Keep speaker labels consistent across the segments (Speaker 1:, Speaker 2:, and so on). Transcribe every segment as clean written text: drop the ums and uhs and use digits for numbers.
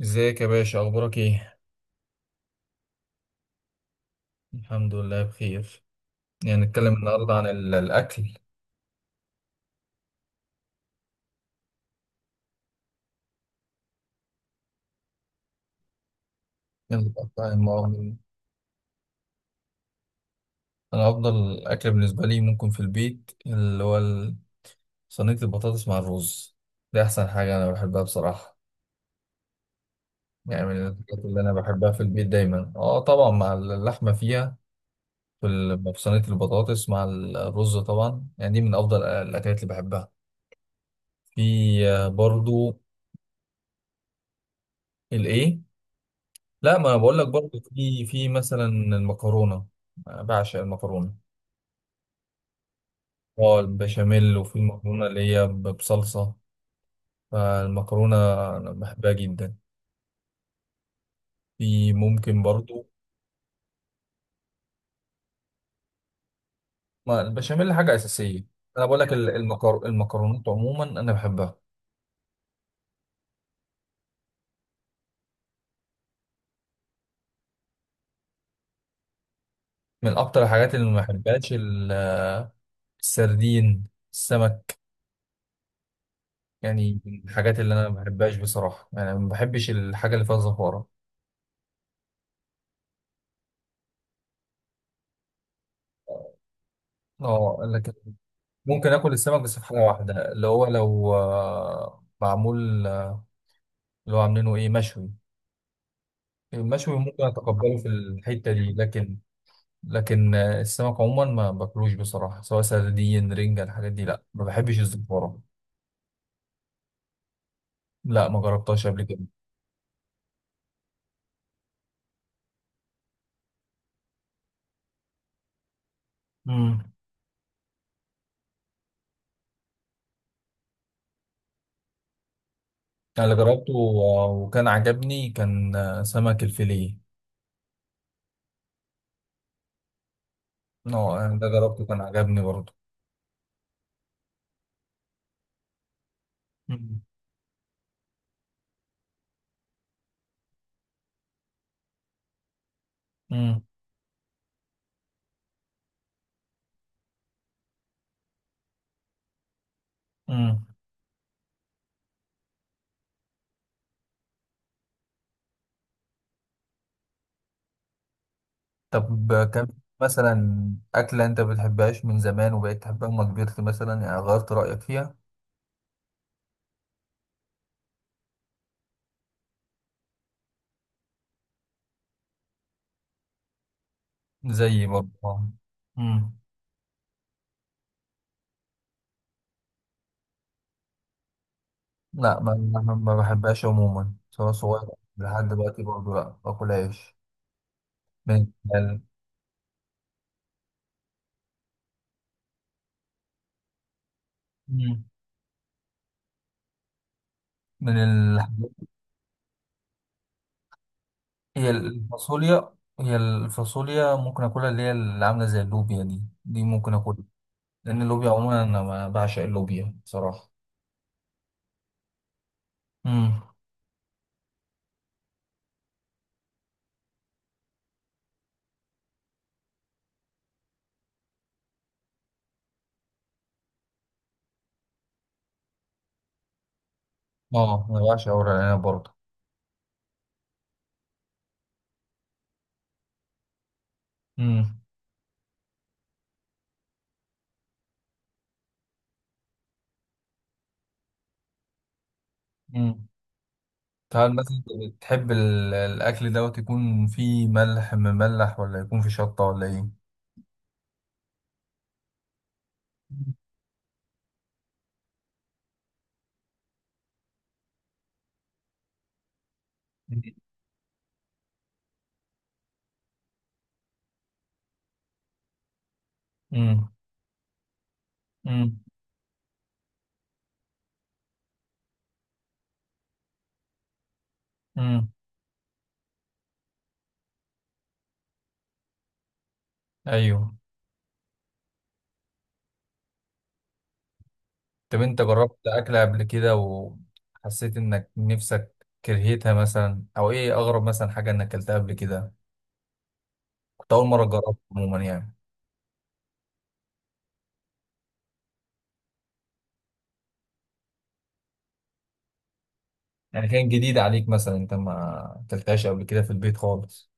Speaker 1: ازيك يا باشا، اخبارك ايه؟ الحمد لله بخير. يعني نتكلم النهارده عن الاكل. يلا بقى بتاع المواطن. انا افضل اكل بالنسبه لي ممكن في البيت، اللي هو صينيه البطاطس مع الرز. دي احسن حاجه انا بحبها، بصراحه. يعني من الحاجات اللي انا بحبها في البيت دايما، اه طبعا مع اللحمه فيها. في صينيه البطاطس مع الرز، طبعا يعني دي من افضل الاكلات اللي بحبها. في، برضو. الايه؟ لا، ما انا بقول لك برضه، في مثلا المكرونه. أنا بعشق المكرونه. اه، البشاميل، وفي المكرونه اللي هي بصلصه. فالمكرونه انا بحبها جدا. في، ممكن برضه. ما البشاميل حاجه اساسيه. انا بقول لك، المكرونات عموما انا بحبها. من اكتر الحاجات اللي ما بحبهاش السردين، السمك. يعني من الحاجات اللي انا ما بحبهاش بصراحه، يعني ما بحبش الحاجه اللي فيها زفاره. اه، لكن، ممكن اكل السمك، بس في حاجه واحده، اللي هو لو معمول، اللي هو عاملينه ايه؟ مشوي. المشوي ممكن اتقبله في الحته دي، لكن، لكن السمك عموما ما باكلوش بصراحه، سواء سردين، رنجه، الحاجات دي، لا ما بحبش الزفاره. لا، ما جربتهاش قبل كده. امم. انا اللي جربته وكان عجبني، كان سمك الفيليه. أنا ده جربته، كان عجبني برضه. امم. امم. طب، كان مثلا، أكلة أنت بتحبهاش من زمان وبقيت تحبها لما كبرت مثلا، يعني غيرت رأيك فيها؟ زي، برضه، آه. مم. لا، ما بحبهاش عموما، سواء صغير. لحد دلوقتي برضه لا باكلهاش. من ال... مم. من ال... هي الفاصوليا. هي الفاصوليا ممكن اكلها، اللي هي اللي عامله زي اللوبيا، دي ممكن اكلها. لان اللوبيا عموما انا ما بعشق اللوبيا، بصراحه. امم. اه، انا بعشق ورق العنب برضه. امم. فهل مثلا بتحب الأكل دوت يكون فيه ملح مملح، ولا يكون فيه شطة، ولا إيه؟ امم. امم. امم. أيوه. طب أنت جربت أكلة قبل كده وحسيت إنك نفسك كرهتها مثلا، أو إيه أغرب مثلا حاجة إنك أكلتها قبل كده؟ كنت أول مرة جربت عموما يعني. يعني كانت جديدة عليك مثلا، أنت ما أكلتهاش قبل كده في البيت خالص؟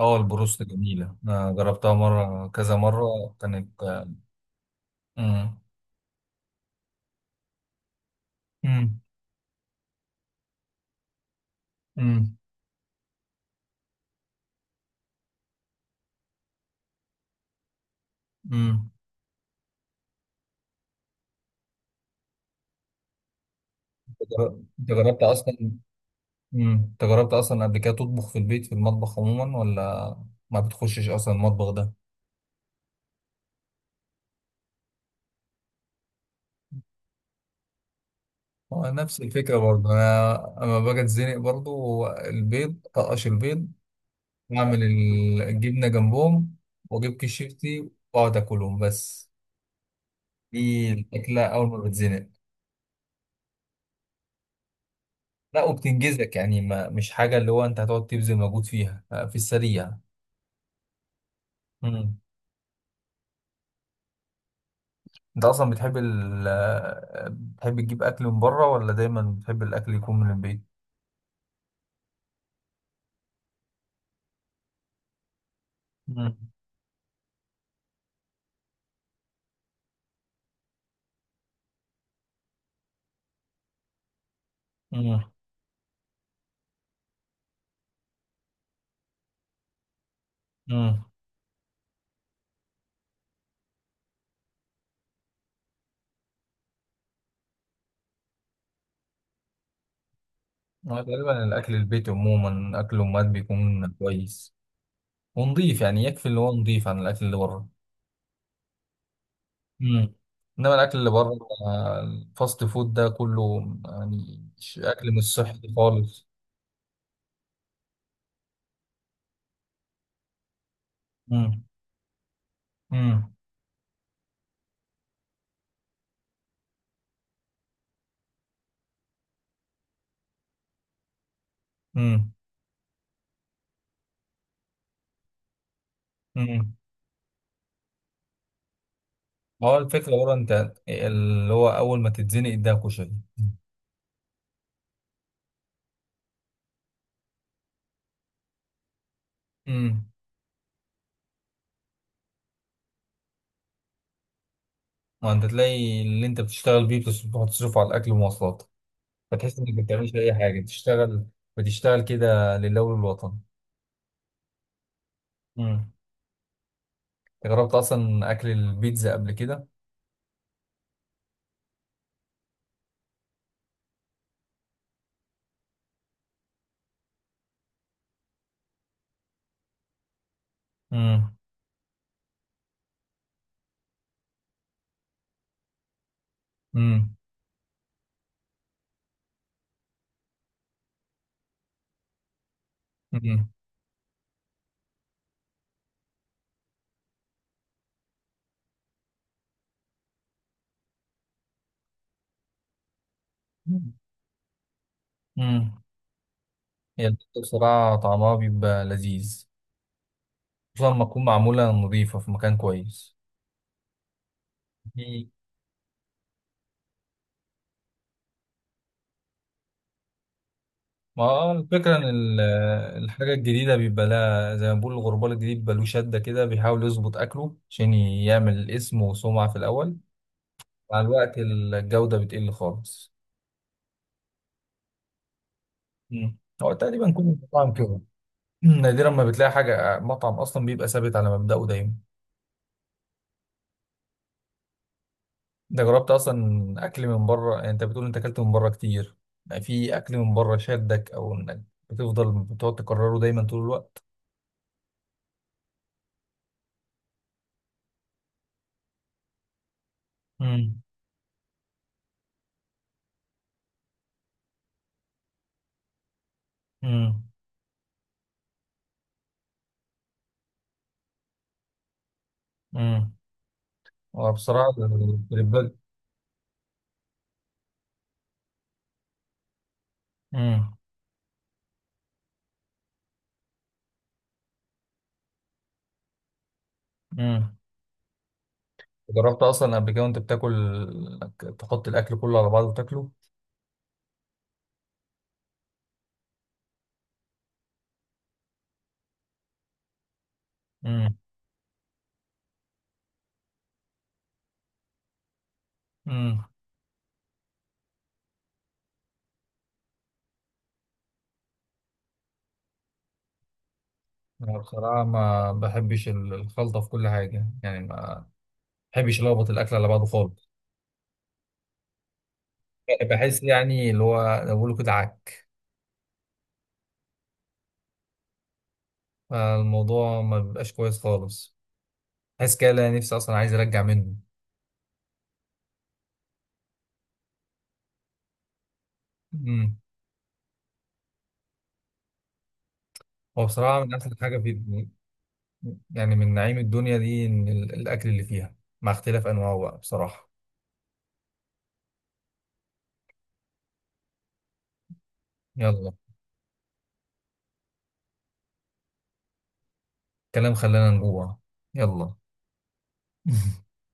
Speaker 1: أه، البروست جميلة، أنا جربتها مرة، كذا مرة. كانت، امم. امم. امم. انت جربت اصلا، مم. انت جربت اصلا قبل كده تطبخ في البيت، في المطبخ عموما، ولا ما بتخشش اصلا المطبخ ده؟ هو نفس الفكره برضه انا، اما باجي اتزنق برضه البيض، طقش البيض، واعمل الجبنه جنبهم، واجيب كشيفتي واقعد اكلهم بس. دي الاكله اول ما بتزنق. لا، وبتنجزك يعني، ما مش حاجه اللي هو انت هتقعد تبذل مجهود فيها، في السريع. مم. انت اصلا بتحب تجيب اكل من بره، ولا دايما بتحب الاكل يكون من البيت؟ مم. مم. مم. هو غالبا الاكل البيت عموما، اكل امهات بيكون كويس. ونضيف يعني، يكفي اللي هو نضيف عن الاكل اللي بره. مم. انما الاكل اللي بره، الفاست فود ده كله، يعني اكل مش صحي خالص. مم. امم. امم. امم. هو الفكره بره انت، اللي هو اول ما تتزنق ده كشري. امم. ما انت تلاقي اللي انت بتشتغل بيه بتصرف على الاكل والمواصلات. فتحس انك ما بتعملش اي حاجه، بتشتغل، بتشتغل كده لله وللوطن. امم. جربت اصلا اكل البيتزا قبل كده؟ امم. امم. امم. امم. هي البيتزا بصراحه طعمها بيبقى لذيذ، خصوصا لما تكون معموله نظيفه في مكان كويس. مم. ما هو الفكره ان الحاجه الجديده بيبقى لها، زي ما بقول، الغربال الجديد بيبقى له شده كده، بيحاول يظبط اكله عشان يعمل اسم وسمعه في الاول. مع الوقت الجودة بتقل خالص. مم. هو تقريبا كل المطاعم كده. نادرا ما بتلاقي حاجة، مطعم أصلا بيبقى ثابت على مبدأه دايما. أنت جربت أصلا أكل من بره، يعني أنت بتقول أنت أكلت من بره كتير. يعني في أكل من بره شدك؟ أو إنك بتفضل بتقعد تكرره دايما طول الوقت؟ مم. مم. مم. وبصراحة الكريبات، مم. مم. جربت أصلا قبل كده وأنت بتاكل إنك تحط الأكل كله على بعضه وتاكله؟ مم. أنا بصراحة ما بحبش الخلطة في كل حاجة، يعني ما بحبش ألخبط الأكل على بعضه خالص. بحس يعني اللي هو زي ما بيقولوا كده، عك. فالموضوع ما بيبقاش كويس خالص. بحس كده، لا، نفسي أصلا عايز أرجع منه. أمم. هو بصراحة من أحسن حاجة في، يعني من نعيم الدنيا دي، إن الأكل اللي فيها، مع اختلاف أنواعه بقى، بصراحة. يلا. كلام خلانا نجوع. يلا.